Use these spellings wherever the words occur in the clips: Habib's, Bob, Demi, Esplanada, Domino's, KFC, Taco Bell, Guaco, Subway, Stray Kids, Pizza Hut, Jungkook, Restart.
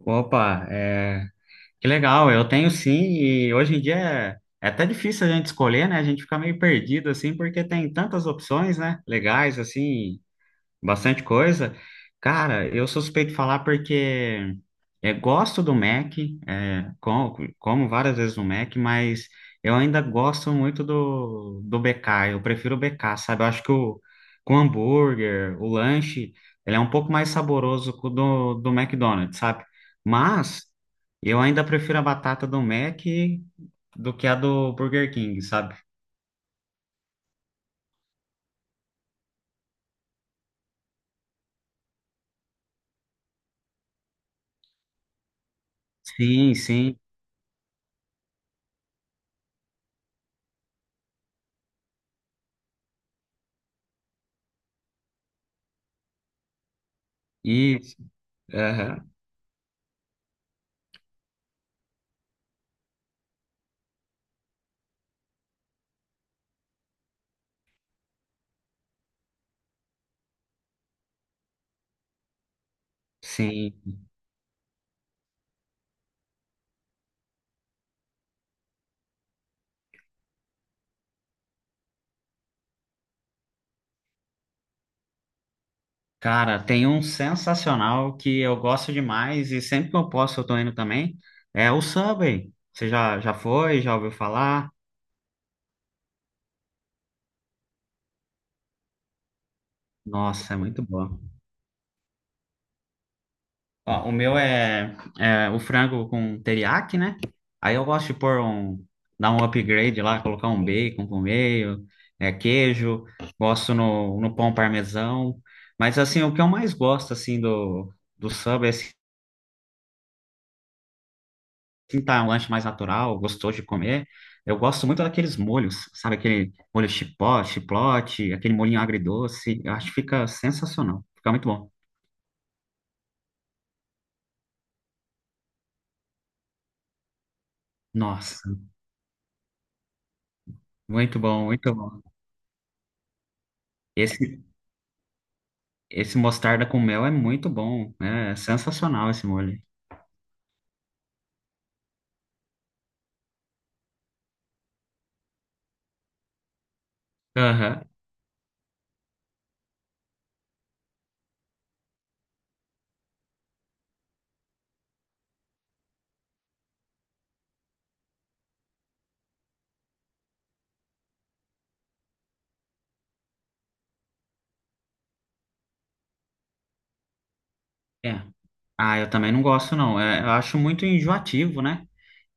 Opa, é... que legal, eu tenho sim, e hoje em dia é até difícil a gente escolher, né? A gente fica meio perdido, assim, porque tem tantas opções, né? Legais, assim, bastante coisa. Cara, eu sou suspeito de falar porque gosto do Mac, como várias vezes no Mac, mas eu ainda gosto muito do BK. Eu prefiro o BK, sabe? Eu acho que com hambúrguer, o lanche, ele é um pouco mais saboroso que o do McDonald's, sabe? Mas eu ainda prefiro a batata do Mac do que a do Burger King, sabe? Sim, sim. Isso. Aham. Sim. Cara, tem um sensacional que eu gosto demais e sempre que eu posso eu tô indo também. É o Subway. Você já foi? Já ouviu falar? Nossa, é muito bom. Ó, o meu é o frango com teriyaki, né? Aí eu gosto de dar um upgrade lá, colocar um bacon por meio, queijo, gosto no pão parmesão. Mas assim, o que eu mais gosto assim do Subway assim, tentar um lanche mais natural, gostoso de comer. Eu gosto muito daqueles molhos, sabe? Aquele chiplote, aquele molhinho agridoce. Eu acho que fica sensacional. Fica muito bom. Nossa, muito bom, muito bom. Esse, esse mostarda com mel é muito bom, né? É sensacional esse molho. Aham. É. Ah, eu também não gosto, não. É, eu acho muito enjoativo, né?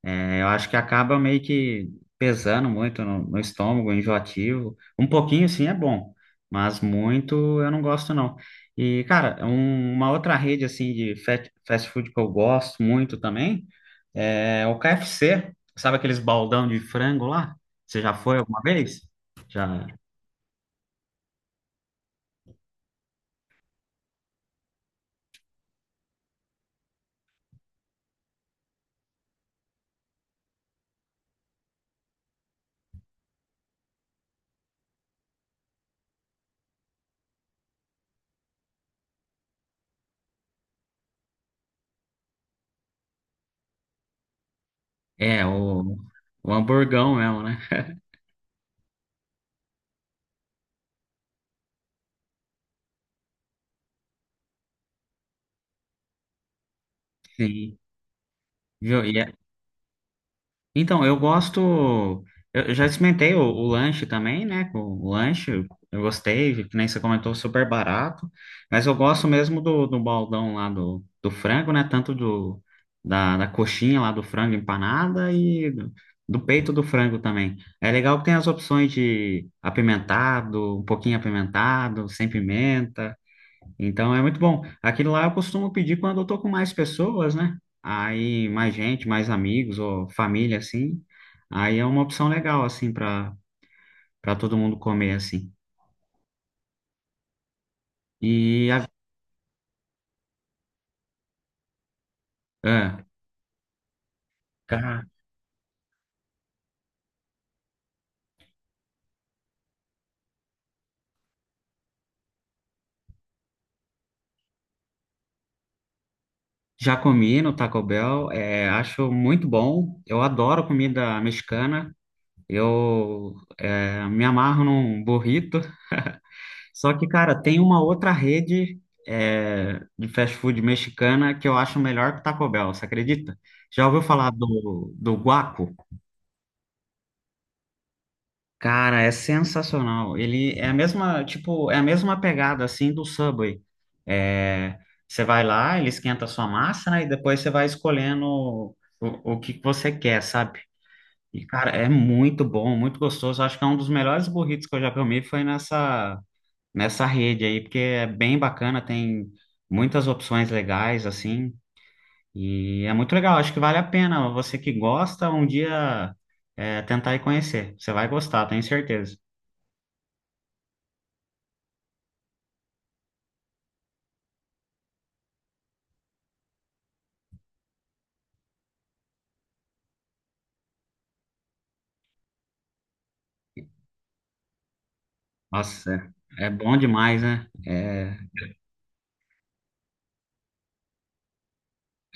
É, eu acho que acaba meio que pesando muito no estômago, enjoativo. Um pouquinho sim é bom, mas muito eu não gosto não. E, cara, uma outra rede assim de fast food que eu gosto muito também é o KFC. Sabe aqueles baldão de frango lá? Você já foi alguma vez? Já. É, o hamburgão mesmo, né? Sim. Viu? Então, eu gosto. Eu já experimentei o lanche também, né? Com o lanche, eu gostei, que nem você comentou, super barato. Mas eu gosto mesmo do baldão lá do frango, né? Tanto da coxinha lá do frango empanada e do peito do frango também. É legal que tem as opções de apimentado, um pouquinho apimentado, sem pimenta. Então é muito bom. Aquilo lá eu costumo pedir quando eu tô com mais pessoas, né? Aí mais gente, mais amigos ou família assim. Aí é uma opção legal assim para todo mundo comer assim. E a, ah, ca- Já comi no Taco Bell, é, acho muito bom. Eu adoro comida mexicana. Me amarro num burrito. Só que, cara, tem uma outra rede é, de fast food mexicana que eu acho melhor que o Taco Bell, você acredita? Já ouviu falar do Guaco? Cara, é sensacional. Ele é a mesma, tipo, é a mesma pegada assim do Subway. É, você vai lá, ele esquenta a sua massa, né? E depois você vai escolhendo o que você quer, sabe? E, cara, é muito bom, muito gostoso. Acho que é um dos melhores burritos que eu já comi foi nessa rede aí, porque é bem bacana, tem muitas opções legais, assim, e é muito legal, acho que vale a pena. Você que gosta, um dia é, tentar ir conhecer. Você vai gostar, tenho certeza. Nossa, é bom demais, né? É,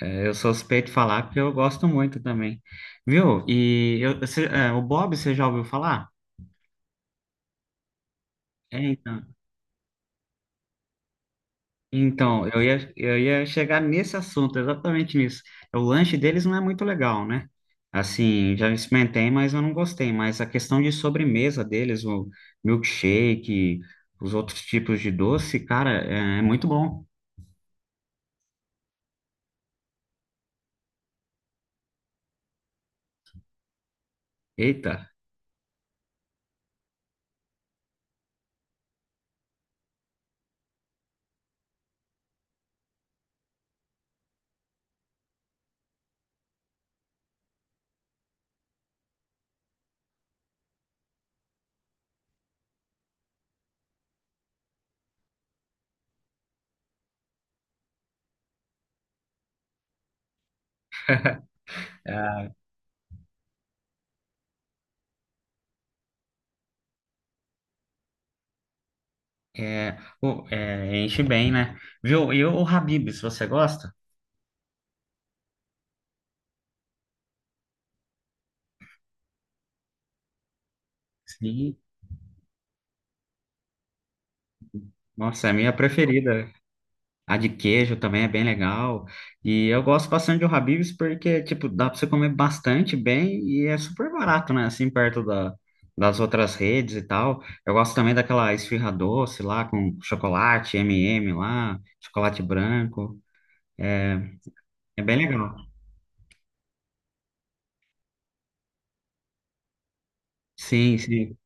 eu sou suspeito de falar porque eu gosto muito também. Viu? O Bob, você já ouviu falar? É, então. Então, eu ia chegar nesse assunto, exatamente nisso. O lanche deles não é muito legal, né? Assim, já experimentei, mas eu não gostei. Mas a questão de sobremesa deles, o milkshake, os outros tipos de doce, cara, é muito bom. Eita, é, pô, é, enche bem, né? Viu? E o Habib's, você gosta? Sim. Nossa, é a minha preferida. A de queijo também é bem legal. E eu gosto bastante do Habib's porque, tipo, dá pra você comer bastante bem e é super barato, né? Assim, perto das outras redes e tal. Eu gosto também daquela esfirra doce lá com chocolate, M&M lá, chocolate branco. É bem legal. Sim, sim.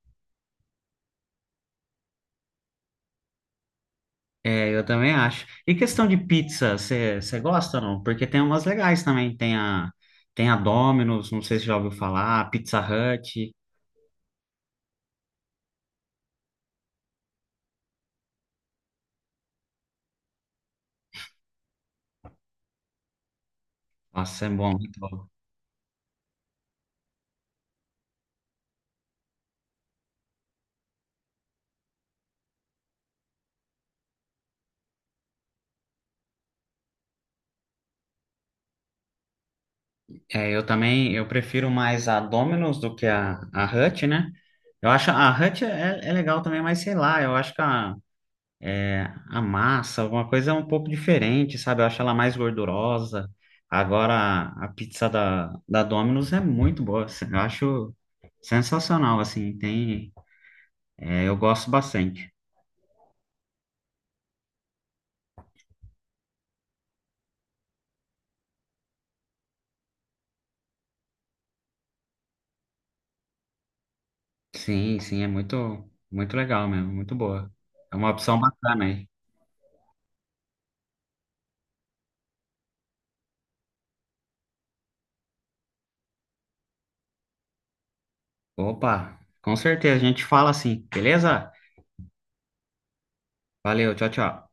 É, eu também acho. E questão de pizza, você gosta ou não? Porque tem umas legais também. Tem tem a Domino's, não sei se já ouviu falar, a Pizza Hut. Nossa, é bom. É, eu também, eu prefiro mais a Domino's do que a Hut, né? Eu acho a Hut é legal também, mas sei lá, eu acho que é, a massa, alguma coisa é um pouco diferente, sabe? Eu acho ela mais gordurosa. Agora, a pizza da Domino's é muito boa, assim, eu acho sensacional, assim, tem, é, eu gosto bastante. Sim, sim, é muito, muito legal mesmo, muito boa. É uma opção bacana aí. Opa, com certeza, a gente fala assim, beleza? Valeu, tchau, tchau.